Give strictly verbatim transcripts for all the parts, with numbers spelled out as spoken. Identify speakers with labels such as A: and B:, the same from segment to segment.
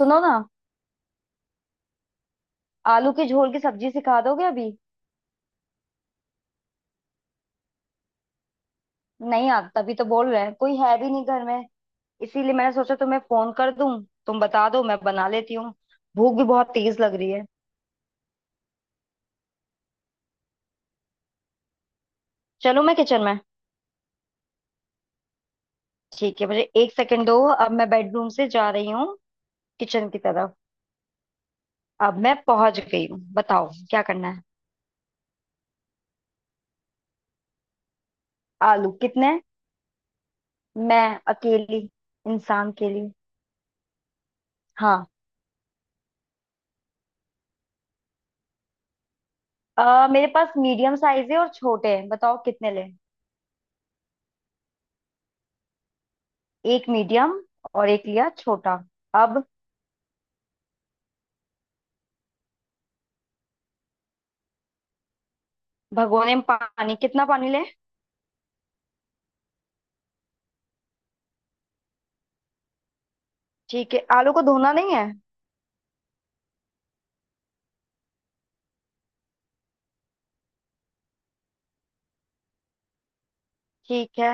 A: सुनो ना। आलू के झोल की सब्जी सिखा दोगे अभी? नहीं आता, तभी तो बोल रहे हैं, कोई है भी नहीं घर में। इसीलिए मैंने सोचा तुम्हें फोन कर दूं। तुम बता दो, मैं बना लेती हूँ। भूख भी बहुत तेज लग रही है। चलो, मैं किचन में। ठीक है, मुझे एक सेकंड दो, अब मैं बेडरूम से जा रही हूँ किचन की तरफ। अब मैं पहुंच गई हूँ, बताओ क्या करना है? आलू कितने? मैं अकेली इंसान के लिए। हाँ। अ, मेरे पास मीडियम साइज है और छोटे हैं, बताओ कितने लें? एक मीडियम और एक लिया छोटा। अब भगोने में पानी, कितना पानी ले? ठीक है, आलू को धोना नहीं है? ठीक है,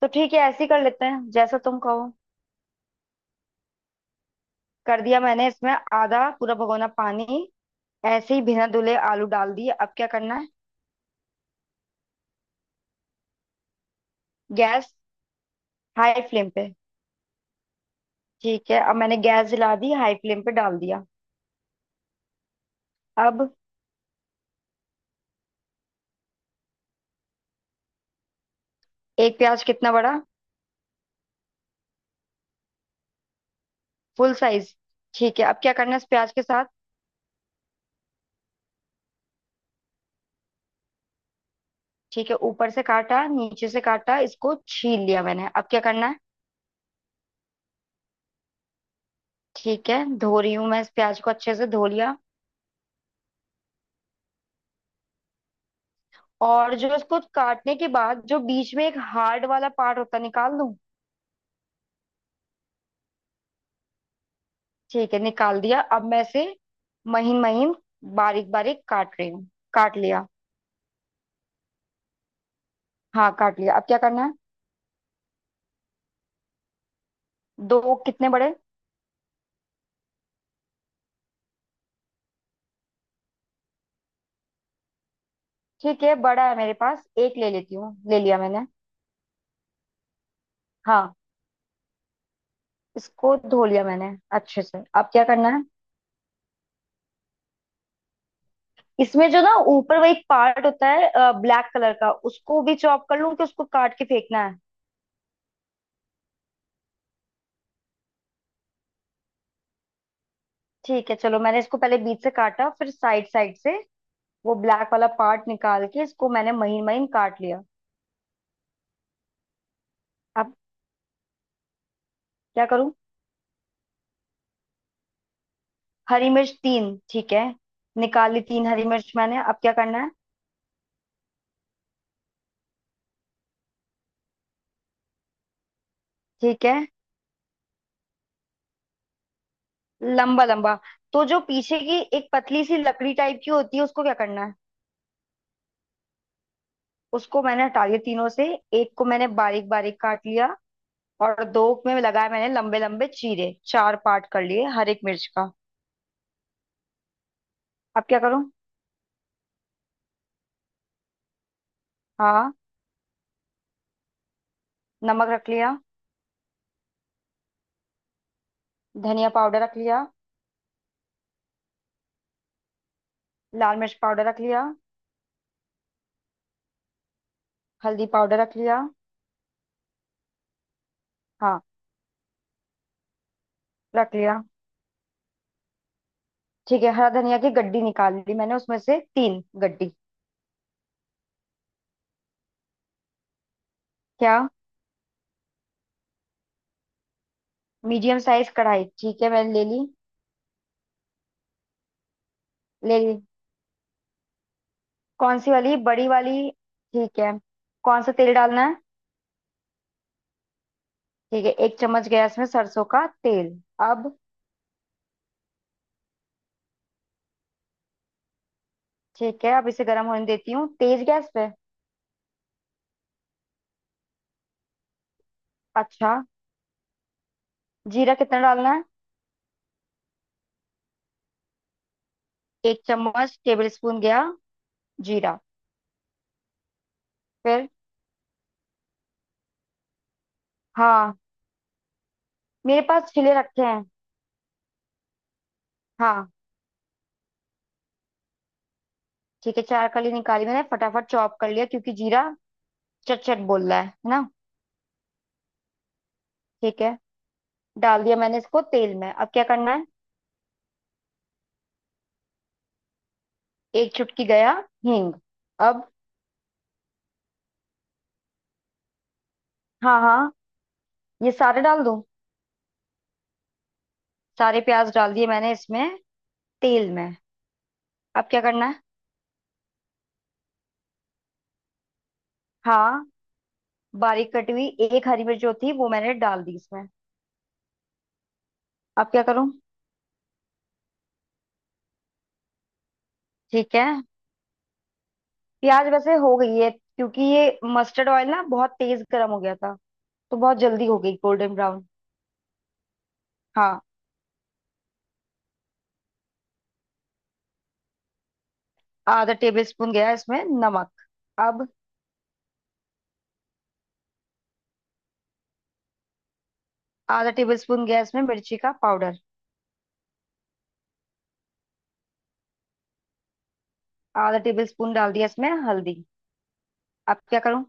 A: तो ठीक है, ऐसे ही कर लेते हैं जैसा तुम कहो। कर दिया मैंने, इसमें आधा पूरा भगोना पानी। ऐसे ही बिना धुले आलू डाल दिए, अब क्या करना है? गैस हाई फ्लेम पे? ठीक है, अब मैंने गैस जला दी, हाई फ्लेम पे डाल दिया। अब एक प्याज, कितना बड़ा? फुल साइज ठीक है, अब क्या करना है इस प्याज के साथ? ठीक है, ऊपर से काटा, नीचे से काटा, इसको छील लिया मैंने, अब क्या करना है? ठीक है, धो रही हूँ मैं, इस प्याज को अच्छे से धो लिया। और जो इसको काटने के बाद जो बीच में एक हार्ड वाला पार्ट होता है, निकाल दूं? ठीक है, निकाल दिया, अब मैं इसे महीन महीन बारीक बारीक काट रही हूँ। काट लिया। हाँ काट लिया, अब क्या करना है? दो? कितने बड़े? ठीक है, बड़ा है मेरे पास, एक ले लेती हूँ। ले लिया मैंने। हाँ। इसको धो लिया मैंने अच्छे से, अब क्या करना है? इसमें जो ना ऊपर वो एक पार्ट होता है ब्लैक कलर का, उसको भी चॉप कर लूं कि उसको काट के फेंकना है? ठीक है चलो, मैंने इसको पहले बीच से काटा फिर साइड साइड से, वो ब्लैक वाला पार्ट निकाल के इसको मैंने महीन महीन काट लिया। अब क्या करूं? हरी मिर्च तीन, ठीक है। निकाली तीन हरी मिर्च मैंने, अब क्या करना है? ठीक है। लंबा लंबा? तो जो पीछे की एक पतली सी लकड़ी टाइप की होती है, उसको क्या करना है? उसको मैंने हटा लिया तीनों से। एक को मैंने बारीक बारीक काट लिया और दो में लगाया मैंने लंबे लंबे चीरे, चार पार्ट कर लिए हर एक मिर्च का। अब क्या करूं? हाँ। नमक रख लिया। धनिया पाउडर रख लिया। लाल मिर्च पाउडर रख लिया। हल्दी पाउडर रख लिया। हाँ रख लिया। ठीक है, हरा धनिया की गड्डी निकाल ली मैंने, उसमें से तीन गड्डी। क्या? मीडियम साइज कढ़ाई ठीक है, मैंने ले ली। ले ली। कौन सी वाली, बड़ी वाली? ठीक है, कौन सा तेल डालना है? ठीक है, एक चम्मच गैस में सरसों का तेल। अब? ठीक है, अब इसे गर्म होने देती हूँ तेज गैस पे। अच्छा। जीरा कितना डालना है? एक चम्मच टेबल स्पून गया जीरा। फिर? हाँ, मेरे पास छिले रखे हैं। हाँ, ठीक है, चार कली निकाली मैंने, फटाफट चॉप कर लिया, क्योंकि जीरा चट चट बोल रहा है है ना? ठीक है, डाल दिया मैंने इसको तेल में, अब क्या करना है? एक चुटकी गया हींग। अब? हाँ हाँ, ये सारे डाल दूं? सारे प्याज डाल दिए मैंने इसमें, तेल में। अब क्या करना है? हाँ। बारीक कटी हुई एक हरी मिर्च जो थी वो मैंने डाल दी इसमें। अब क्या करूं? ठीक है। प्याज वैसे हो गई है, क्योंकि ये मस्टर्ड ऑयल ना बहुत तेज गर्म हो गया था। तो बहुत जल्दी हो गई गोल्डन ब्राउन। हाँ, आधा टेबल स्पून गया इसमें नमक। अब? आधा टेबल स्पून गया इसमें मिर्ची का पाउडर। आधा टेबल स्पून डाल दिया इसमें हल्दी। अब क्या करूं?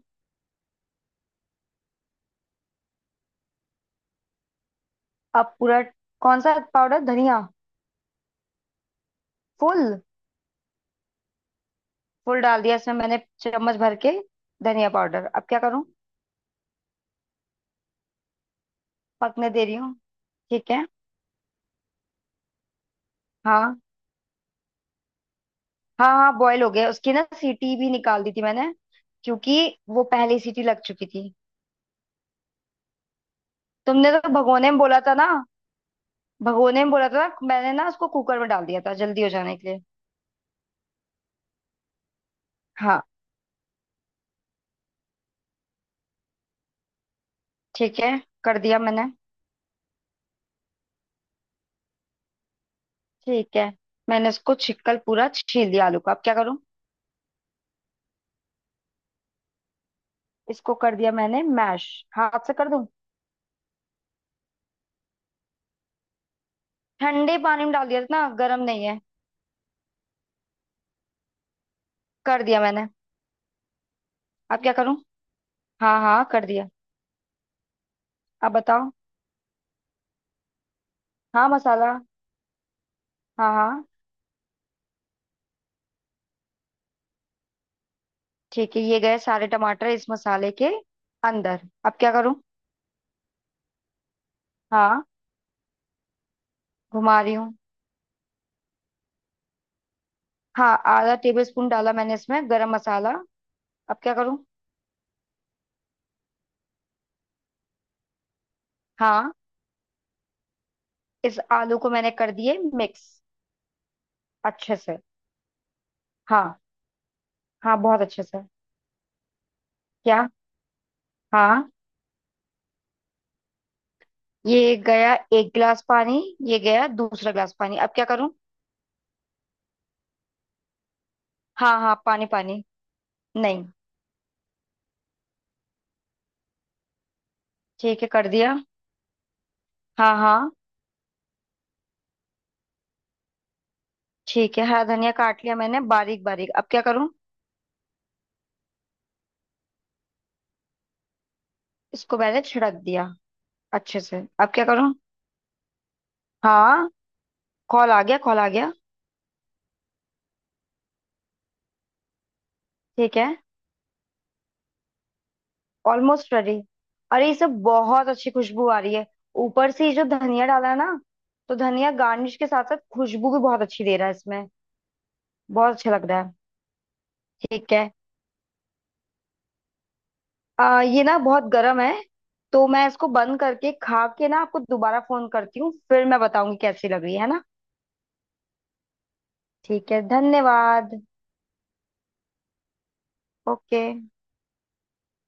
A: अब पूरा? कौन सा पाउडर, धनिया? फुल? फुल डाल दिया इसमें मैंने, चम्मच भर के धनिया पाउडर। अब क्या करूं? पकने दे रही हूँ, ठीक है। हाँ। हाँ हाँ बॉयल हो गया, उसकी ना सीटी भी निकाल दी थी मैंने, क्योंकि वो पहली सीटी लग चुकी थी। तुमने तो भगोने में बोला था ना। भगोने में बोला था ना, मैंने ना उसको कुकर में डाल दिया था जल्दी हो जाने के लिए। हाँ, ठीक है, कर दिया मैंने। ठीक है, मैंने उसको छिकल पूरा छील दिया आलू का। अब क्या करूं? इसको कर दिया मैंने मैश। हाथ से कर दूं? ठंडे पानी में डाल दिया ना, गर्म नहीं है। कर दिया मैंने। अब क्या करूं? हाँ हाँ, कर दिया। अब बताओ। हाँ मसाला। हाँ हाँ। ठीक है, ये गए सारे टमाटर इस मसाले के अंदर। अब क्या करूं? हाँ, घुमा रही हूँ। हाँ, आधा टेबल स्पून डाला मैंने इसमें गरम मसाला। अब क्या करूं? हाँ। इस आलू को मैंने कर दिए मिक्स, अच्छे से। हाँ हाँ, बहुत अच्छे से। क्या? हाँ, ये गया एक गिलास पानी। ये गया दूसरा गिलास पानी। अब क्या करूं? हाँ हाँ, पानी पानी, नहीं। ठीक है, कर दिया। हाँ हाँ, ठीक है। हरा धनिया काट लिया मैंने बारीक बारीक, अब क्या करूं? इसको पहले छिड़क दिया। अच्छे से। अब क्या करूं? हाँ, कॉल आ गया, कॉल आ गया। ठीक है। Almost ready. अरे, इसे बहुत अच्छी खुशबू आ रही है। ऊपर से ये जो धनिया डाला है ना, तो धनिया गार्निश के साथ साथ खुशबू भी बहुत अच्छी दे रहा है इसमें। बहुत अच्छा लग रहा है। ठीक है। आ, ये ना बहुत गर्म है, तो मैं इसको बंद करके खा के ना आपको दोबारा फोन करती हूँ, फिर मैं बताऊंगी कैसी लग रही है ना। ठीक है, धन्यवाद। ओके।